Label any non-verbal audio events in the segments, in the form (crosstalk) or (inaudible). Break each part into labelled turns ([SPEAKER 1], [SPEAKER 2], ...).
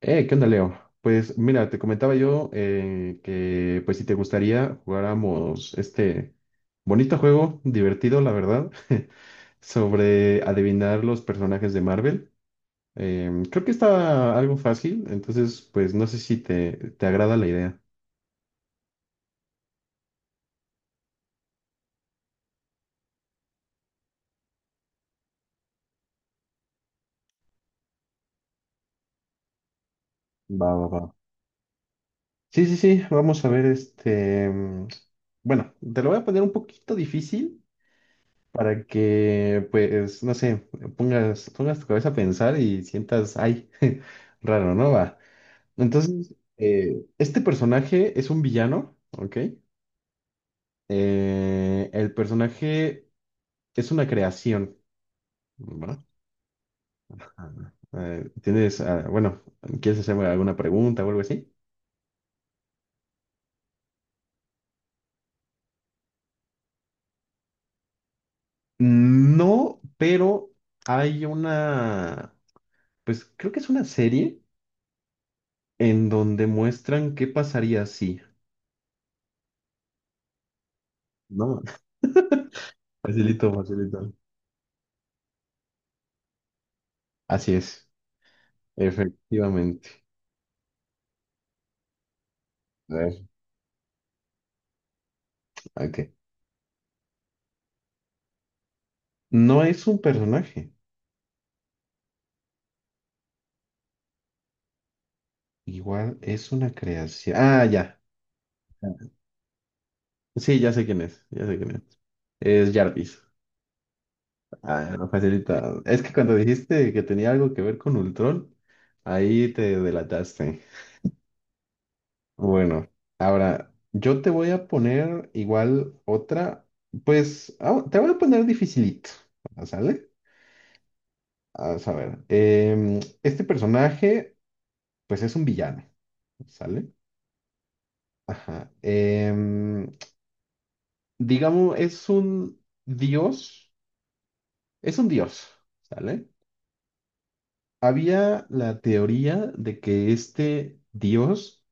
[SPEAKER 1] ¿Qué onda, Leo? Pues mira, te comentaba yo que pues si te gustaría jugáramos este bonito juego, divertido, la verdad, (laughs) sobre adivinar los personajes de Marvel. Creo que está algo fácil, entonces pues no sé si te agrada la idea. Va, va, va. Sí, sí, sí, vamos a ver bueno, te lo voy a poner un poquito difícil para que, pues, no sé, pongas tu cabeza a pensar y sientas, ay, (laughs) raro, ¿no? Va. Entonces, este personaje es un villano, ¿ok? El personaje es una creación, ¿va? Ajá. Bueno, ¿quieres hacerme alguna pregunta o algo así? No, pero hay una, pues creo que es una serie en donde muestran qué pasaría si, ¿no? (laughs) Facilito, facilito. Así es, efectivamente. A ver, ok. No es un personaje, igual es una creación. Ah, ya. Sí, ya sé quién es, ya sé quién es. Es Jarvis. Ah, no, facilita. Es que cuando dijiste que tenía algo que ver con Ultron, ahí te delataste. Bueno, ahora yo te voy a poner igual otra, pues te voy a poner dificilito, ¿sale? A saber, este personaje pues es un villano, ¿sale? Ajá. Em, digamos, es un dios, ¿sale? Había la teoría de que este dios,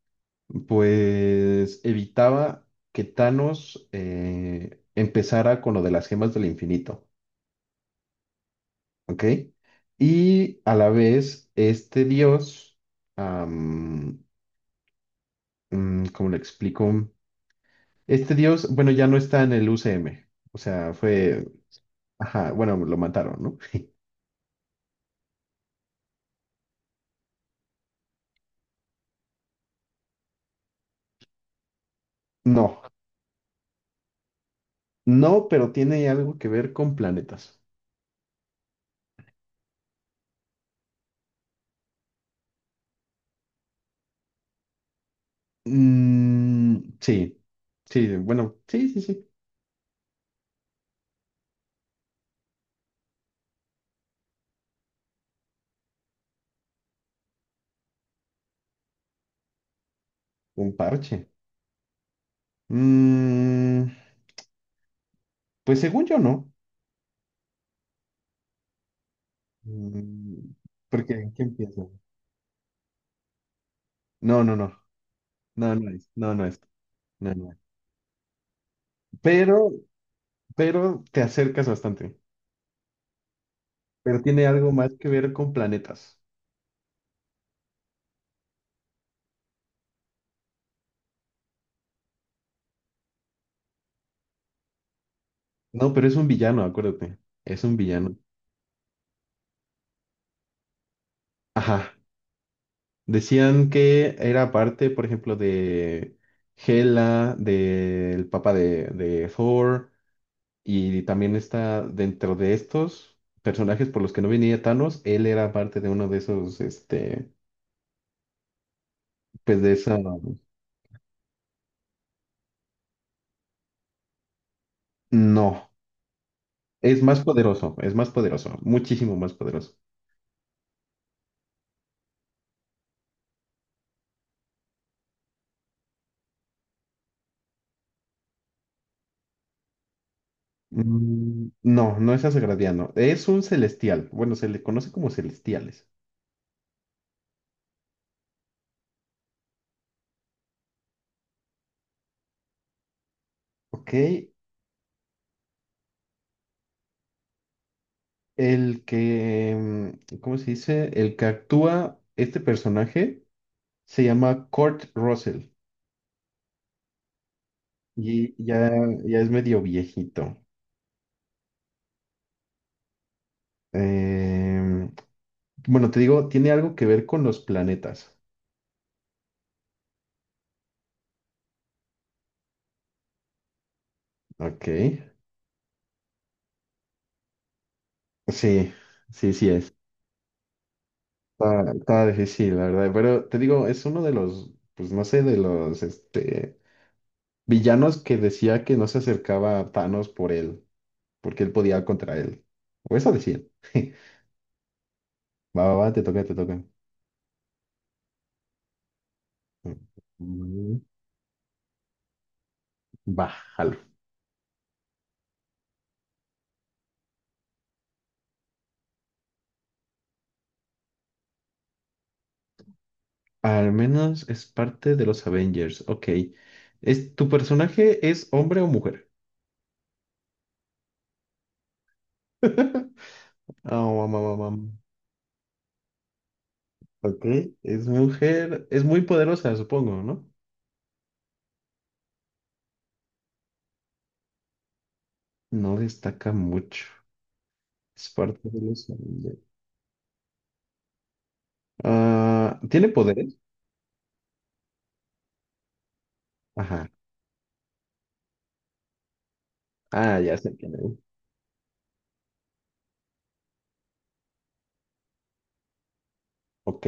[SPEAKER 1] pues, evitaba que Thanos empezara con lo de las gemas del infinito, ¿ok? Y a la vez, este dios, am, ¿cómo le explico? Este dios, bueno, ya no está en el UCM, o sea, fue. Ajá, bueno, lo mataron, ¿no? (laughs) No, no, pero tiene algo que ver con planetas. Mm, sí, sí, bueno, sí, sí, sí, un parche. Mm, pues según yo no. Mm, porque, ¿qué empieza? No, no, no, no es, no, no es. Pero, pero te acercas bastante. Pero tiene algo más que ver con planetas. No, pero es un villano, acuérdate. Es un villano. Ajá. Decían que era parte, por ejemplo, de Hela, del Papa de Thor, y también está dentro de estos personajes por los que no venía Thanos, él era parte de uno de esos, este, pues de esa... No, es más poderoso, muchísimo más poderoso. Mm, no, no es Asgardiano, es un celestial, bueno, se le conoce como celestiales, ¿ok? El que, mm, ¿cómo se dice? El que actúa este personaje se llama Kurt Russell y ya, ya es medio viejito. Em, bueno, te digo, tiene algo que ver con los planetas. Ok. Sí, sí, sí es. Está, está difícil, la verdad. Pero te digo, es uno de los, pues no sé, de los este, villanos que decía que no se acercaba a Thanos por él, porque él podía contra él. O eso decía. (laughs) Va, va, va, te toca, te toca. Mm, bájalo. Al menos es parte de los Avengers. Ok. ¿Es, tu personaje es hombre o mujer? Ah, mam, mam, mam. Ok. Es mujer. Es muy poderosa, supongo, ¿no? No destaca mucho. Es parte de los Avengers. Ah, ¿tiene poderes? Ajá. Ah, ya sé quién es. Ok.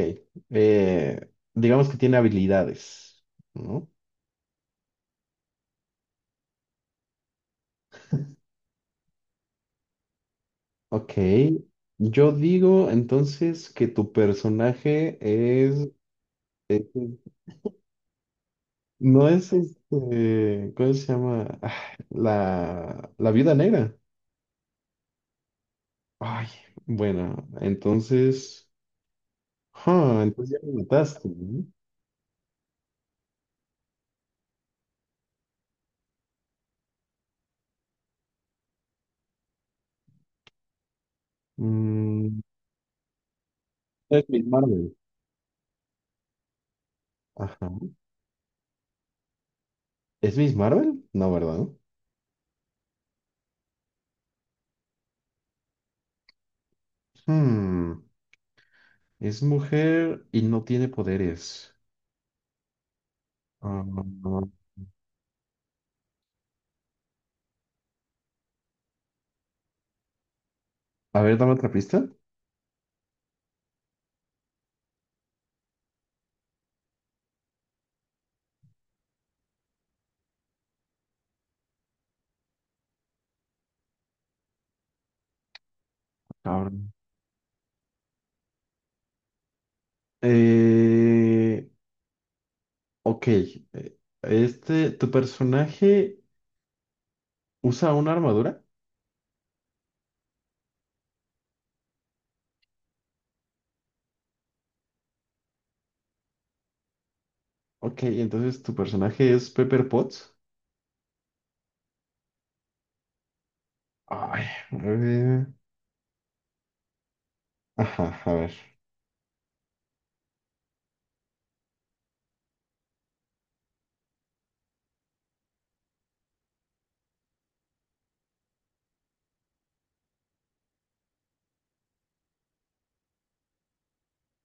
[SPEAKER 1] Eh, digamos que tiene habilidades, ¿no? Ok. Yo digo entonces que tu personaje es. Eh, No es este, ¿cómo se llama? Ah, la viuda negra. Ay, bueno, entonces, ah, entonces ya me mataste, ¿no? Mm, es Miss Marvel. Ajá. ¿Es Miss Marvel? No, ¿verdad? Hmm, es mujer y no tiene poderes. Ah, a ver, dame otra pista. Cabrón. Eh, ok. ¿Tu personaje usa una armadura? Ok, entonces tu personaje es Pepper Potts. Ay, eh, ajá, a ver.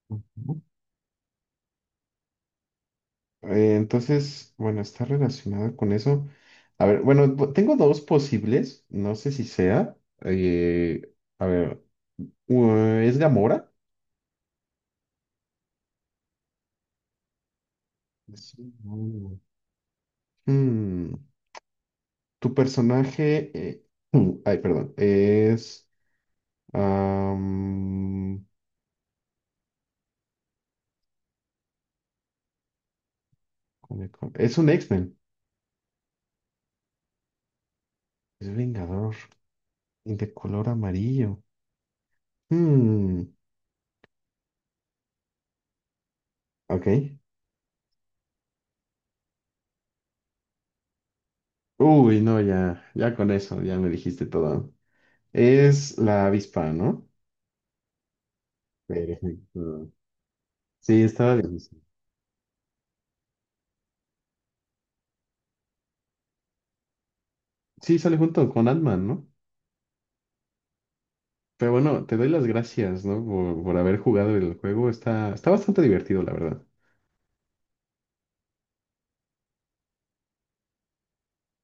[SPEAKER 1] Ujú. Entonces, bueno, está relacionado con eso. A ver, bueno, tengo dos posibles, no sé si sea. eh, a ver, ¿es Gamora? Sí, no. Mm, tu personaje, (clears throat) ay, perdón, es, am, es un X-Men, es Vengador y de color amarillo. Ok. Uy, no, ya, ya con eso, ya me dijiste todo. Es la avispa, ¿no? Perfecto. Sí, estaba difícil. Sí, sale junto con Ant-Man, ¿no? Pero bueno, te doy las gracias, ¿no? Por haber jugado el juego. Está, está bastante divertido, la verdad.